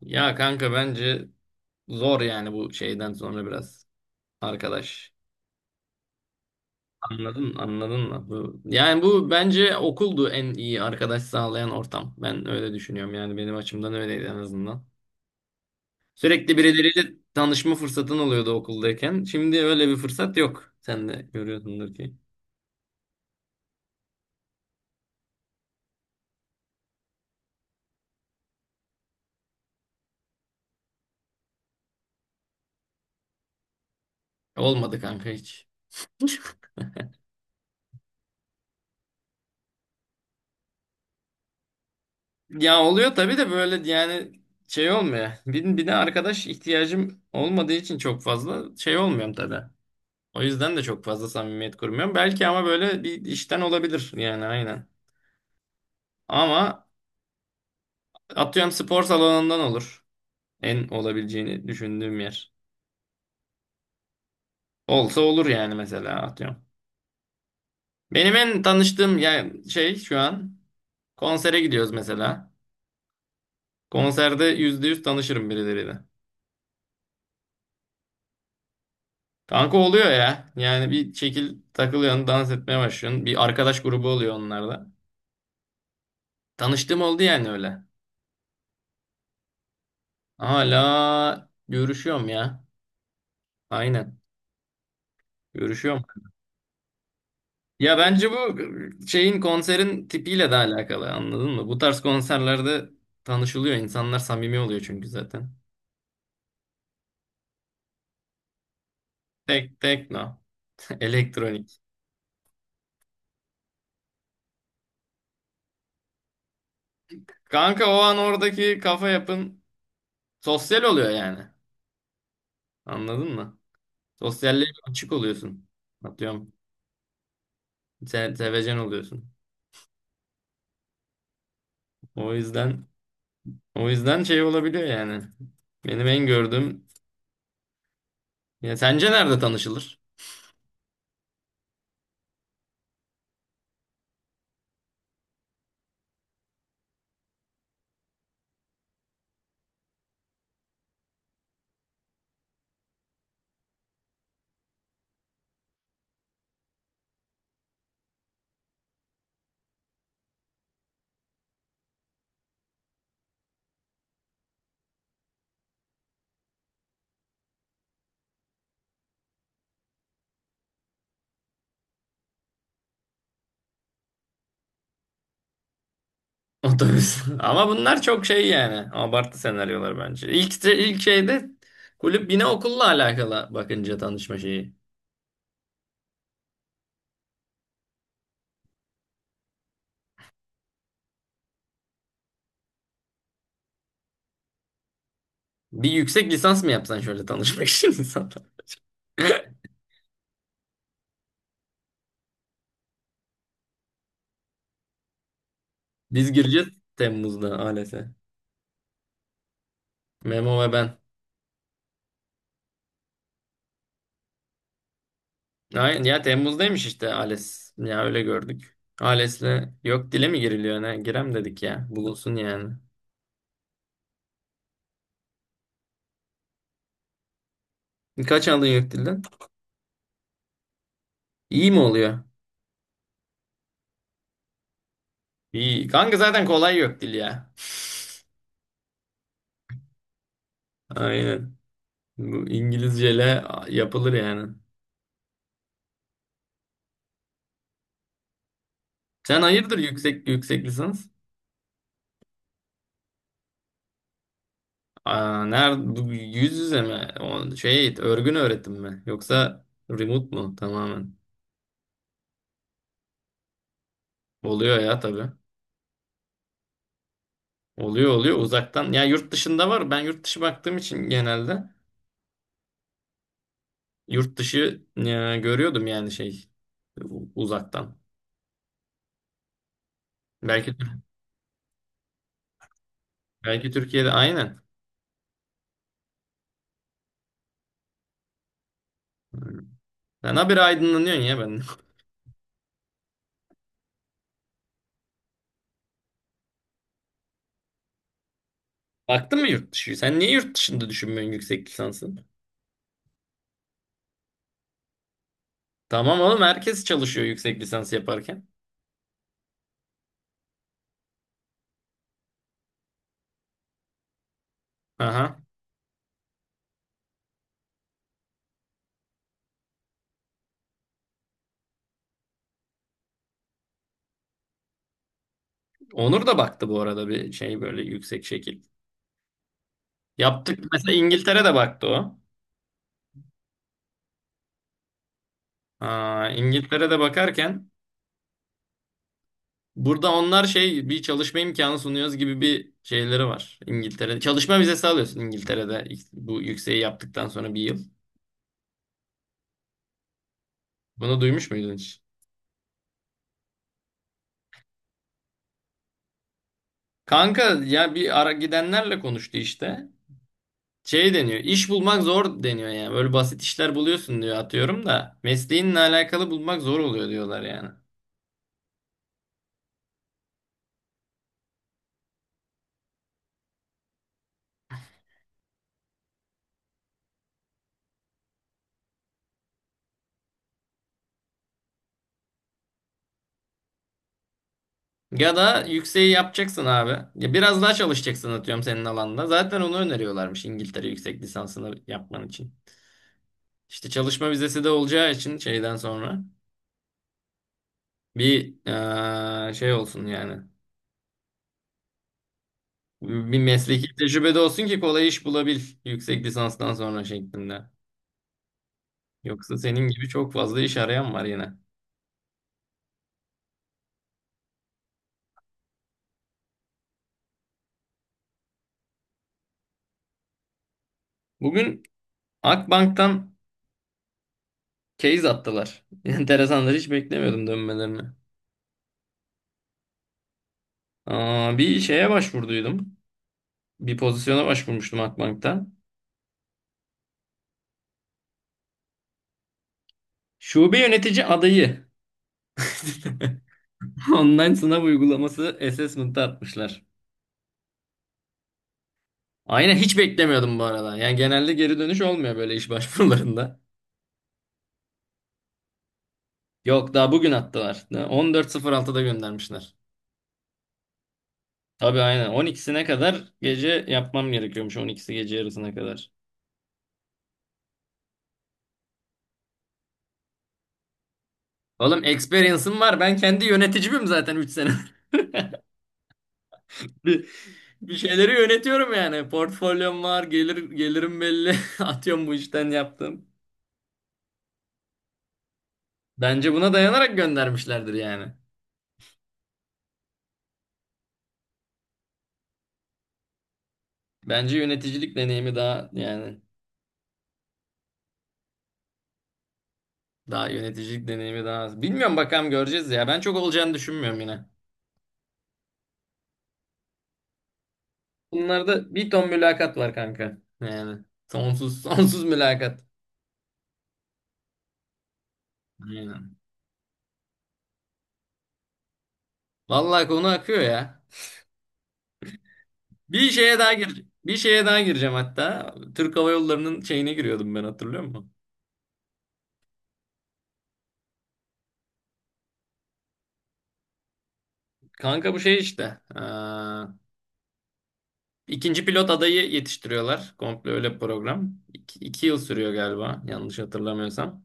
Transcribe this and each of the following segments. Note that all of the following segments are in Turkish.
Ya kanka bence zor yani bu şeyden sonra biraz arkadaş. Anladın, anladın mı? Bu bence okuldu en iyi arkadaş sağlayan ortam. Ben öyle düşünüyorum yani benim açımdan öyleydi en azından. Sürekli birileriyle tanışma fırsatın oluyordu okuldayken. Şimdi öyle bir fırsat yok. Sen de görüyorsundur ki. Olmadı kanka hiç. Ya oluyor tabii de böyle yani şey olmuyor. Bir de arkadaş ihtiyacım olmadığı için çok fazla şey olmuyorum tabii. O yüzden de çok fazla samimiyet kurmuyorum. Belki ama böyle bir işten olabilir yani aynen. Ama atıyorum spor salonundan olur. En olabileceğini düşündüğüm yer. Olsa olur yani mesela atıyorum. Benim en tanıştığım yani şey şu an konsere gidiyoruz mesela. Konserde yüzde yüz tanışırım birileriyle. Kanka oluyor ya. Yani bir şekil takılıyorsun, dans etmeye başlıyorsun. Bir arkadaş grubu oluyor onlarda. Tanıştığım oldu yani öyle. Hala görüşüyorum ya. Aynen. Görüşüyorum. Ya bence bu şeyin konserin tipiyle de alakalı anladın mı? Bu tarz konserlerde tanışılıyor insanlar samimi oluyor çünkü zaten. Tek tekno, elektronik. Kanka o an oradaki kafa yapın sosyal oluyor yani. Anladın mı? Sosyalliğe açık oluyorsun. Atıyorum. Se sevecen oluyorsun. O yüzden o yüzden şey olabiliyor yani. Benim en gördüğüm ya sence nerede tanışılır? Otobüs. Ama bunlar çok şey yani. Abartı senaryolar bence. İlk şeyde kulüp yine okulla alakalı bakınca tanışma şeyi. Bir yüksek lisans mı yapsan şöyle tanışmak için insanlar. Biz gireceğiz Temmuz'da ALES'e. Memo ve ben. Aynen ya Temmuz'daymış işte ALES. Ya öyle gördük. ALES'le yok dile mi giriliyor ne? Girem dedik ya. Bulunsun yani. Kaç aldın yok dilden? İyi mi oluyor? İyi. Kanka zaten kolay yok dil ya. Aynen. Bu İngilizceyle yapılır yani. Sen hayırdır yüksek lisans? Aa, nerede bu yüz yüze mi? O şey örgün öğretim mi? Yoksa remote mu tamamen? Oluyor ya tabii. Oluyor uzaktan. Ya yurt dışında var. Ben yurt dışı baktığım için genelde yurt dışı görüyordum yani şey uzaktan. Belki belki Türkiye'de aynen. Sen habire aydınlanıyorsun ya ben. Baktın mı yurt dışı? Sen niye yurt dışında düşünmüyorsun yüksek lisansı? Tamam oğlum herkes çalışıyor yüksek lisans yaparken. Aha. Onur da baktı bu arada bir şey böyle yüksek şekil. Yaptık mesela İngiltere'de baktı o. Aa, İngiltere'de bakarken burada onlar şey bir çalışma imkanı sunuyoruz gibi bir şeyleri var. İngiltere'de çalışma vizesi alıyorsun İngiltere'de bu yükseği yaptıktan sonra 1 yıl. Bunu duymuş muydun hiç? Kanka ya bir ara gidenlerle konuştu işte. Şey deniyor. İş bulmak zor deniyor yani. Böyle basit işler buluyorsun diyor atıyorum da. Mesleğinle alakalı bulmak zor oluyor diyorlar yani. Ya da yükseği yapacaksın abi. Ya biraz daha çalışacaksın atıyorum senin alanda. Zaten onu öneriyorlarmış İngiltere yüksek lisansını yapman için. İşte çalışma vizesi de olacağı için şeyden sonra bir şey olsun yani. Bir mesleki tecrübe de olsun ki kolay iş bulabil yüksek lisanstan sonra şeklinde. Yoksa senin gibi çok fazla iş arayan var yine. Bugün Akbank'tan case attılar. Enteresanlar hiç beklemiyordum dönmelerini. Aa, bir şeye başvurduydum. Bir pozisyona başvurmuştum Akbank'tan. Şube yönetici adayı. Online sınav uygulaması assessment'a atmışlar. Aynen hiç beklemiyordum bu arada. Yani genelde geri dönüş olmuyor böyle iş başvurularında. Yok daha bugün attılar. 14.06'da göndermişler. Tabii aynen. 12'sine kadar gece yapmam gerekiyormuş. 12'si gece yarısına kadar. Oğlum experience'ım var. Ben kendi yöneticimim zaten 3 sene. Bir, bir şeyleri yönetiyorum yani. Portfolyom var, gelirim belli. Atıyorum bu işten yaptım. Bence buna dayanarak göndermişlerdir yani. Bence yöneticilik deneyimi daha yani daha yöneticilik deneyimi daha az. Bilmiyorum bakalım göreceğiz ya. Ben çok olacağını düşünmüyorum yine. Bunlarda bir ton mülakat var kanka. Yani sonsuz sonsuz mülakat. Aynen. Vallahi konu akıyor ya. Bir şeye daha gir, bir şeye daha gireceğim hatta. Türk Hava Yolları'nın şeyine giriyordum ben hatırlıyor musun? Kanka bu şey işte. İkinci pilot adayı yetiştiriyorlar. Komple öyle bir program. İki yıl sürüyor galiba. Yanlış hatırlamıyorsam.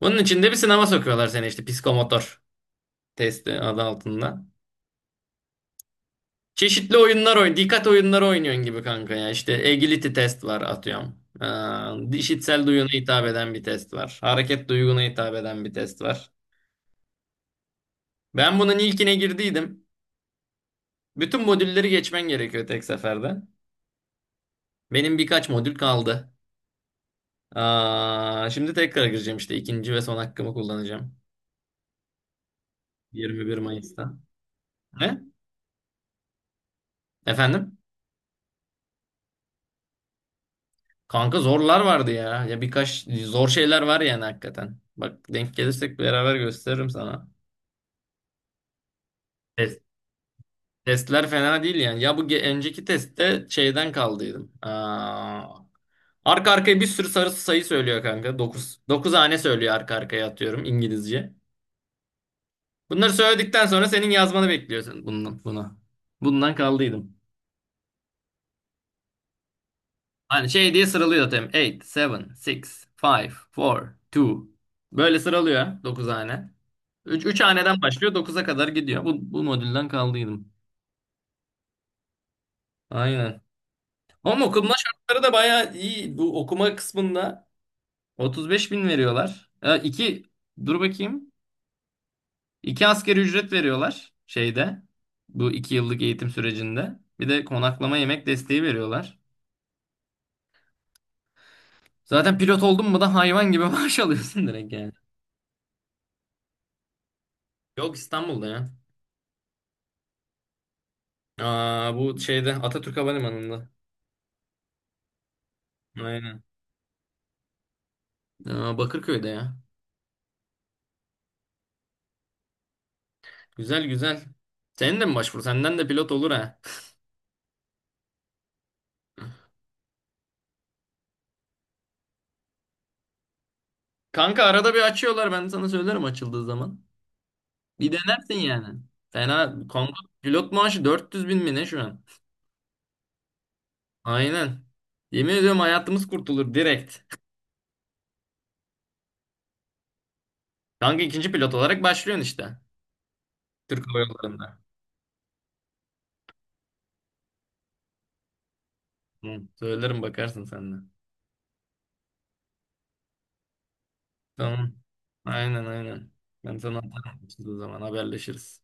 Bunun içinde bir sınava sokuyorlar seni işte. Psikomotor testi adı altında. Çeşitli dikkat oyunları oynuyorsun gibi kanka ya. İşte agility test var atıyorum. İşitsel duyuna hitap eden bir test var. Hareket duyguna hitap eden bir test var. Ben bunun ilkine girdiydim. Bütün modülleri geçmen gerekiyor tek seferde. Benim birkaç modül kaldı. Aa, şimdi tekrar gireceğim işte. İkinci ve son hakkımı kullanacağım. 21 Mayıs'ta. Ne? Efendim? Kanka zorlar vardı ya. Ya birkaç zor şeyler var yani hakikaten. Bak denk gelirsek beraber gösteririm sana. Test, testler fena değil yani. Ya bu önceki testte şeyden kaldıydım. Aa, arka arkaya bir sürü sarı sayı söylüyor kanka. Dokuz 9 hane söylüyor arka arkaya atıyorum İngilizce. Bunları söyledikten sonra senin yazmanı bekliyorsun bundan, buna. Bundan kaldıydım. Hani şey diye sıralıyor zaten. 8, 7, 6, 5, 4, 2. Böyle sıralıyor 9 hane. Üç haneden başlıyor 9'a kadar gidiyor. Bu modülden kaldıydım. Aynen. Ama okuma şartları da bayağı iyi. Bu okuma kısmında 35 bin veriyorlar. İki, dur bakayım. 2 asgari ücret veriyorlar şeyde. Bu 2 yıllık eğitim sürecinde. Bir de konaklama yemek desteği veriyorlar. Zaten pilot oldun mu da hayvan gibi maaş alıyorsun direkt yani. Yok İstanbul'da ya. Aa, bu şeyde Atatürk Havalimanı'nda. Aynen. Aa, Bakırköy'de ya. Güzel güzel. Senin de mi başvur? Senden de pilot olur ha. Kanka arada bir açıyorlar ben sana söylerim açıldığı zaman. Bir denersin yani. Fena Kongo pilot maaşı 400 bin mi ne şu an? Aynen. Yemin ediyorum hayatımız kurtulur direkt. Kanka ikinci pilot olarak başlıyorsun işte. Türk Hava Yolları'nda. Hı, söylerim bakarsın sen de. Tamam. Aynen aynen. Ben sana atarım açıldığı zaman haberleşiriz.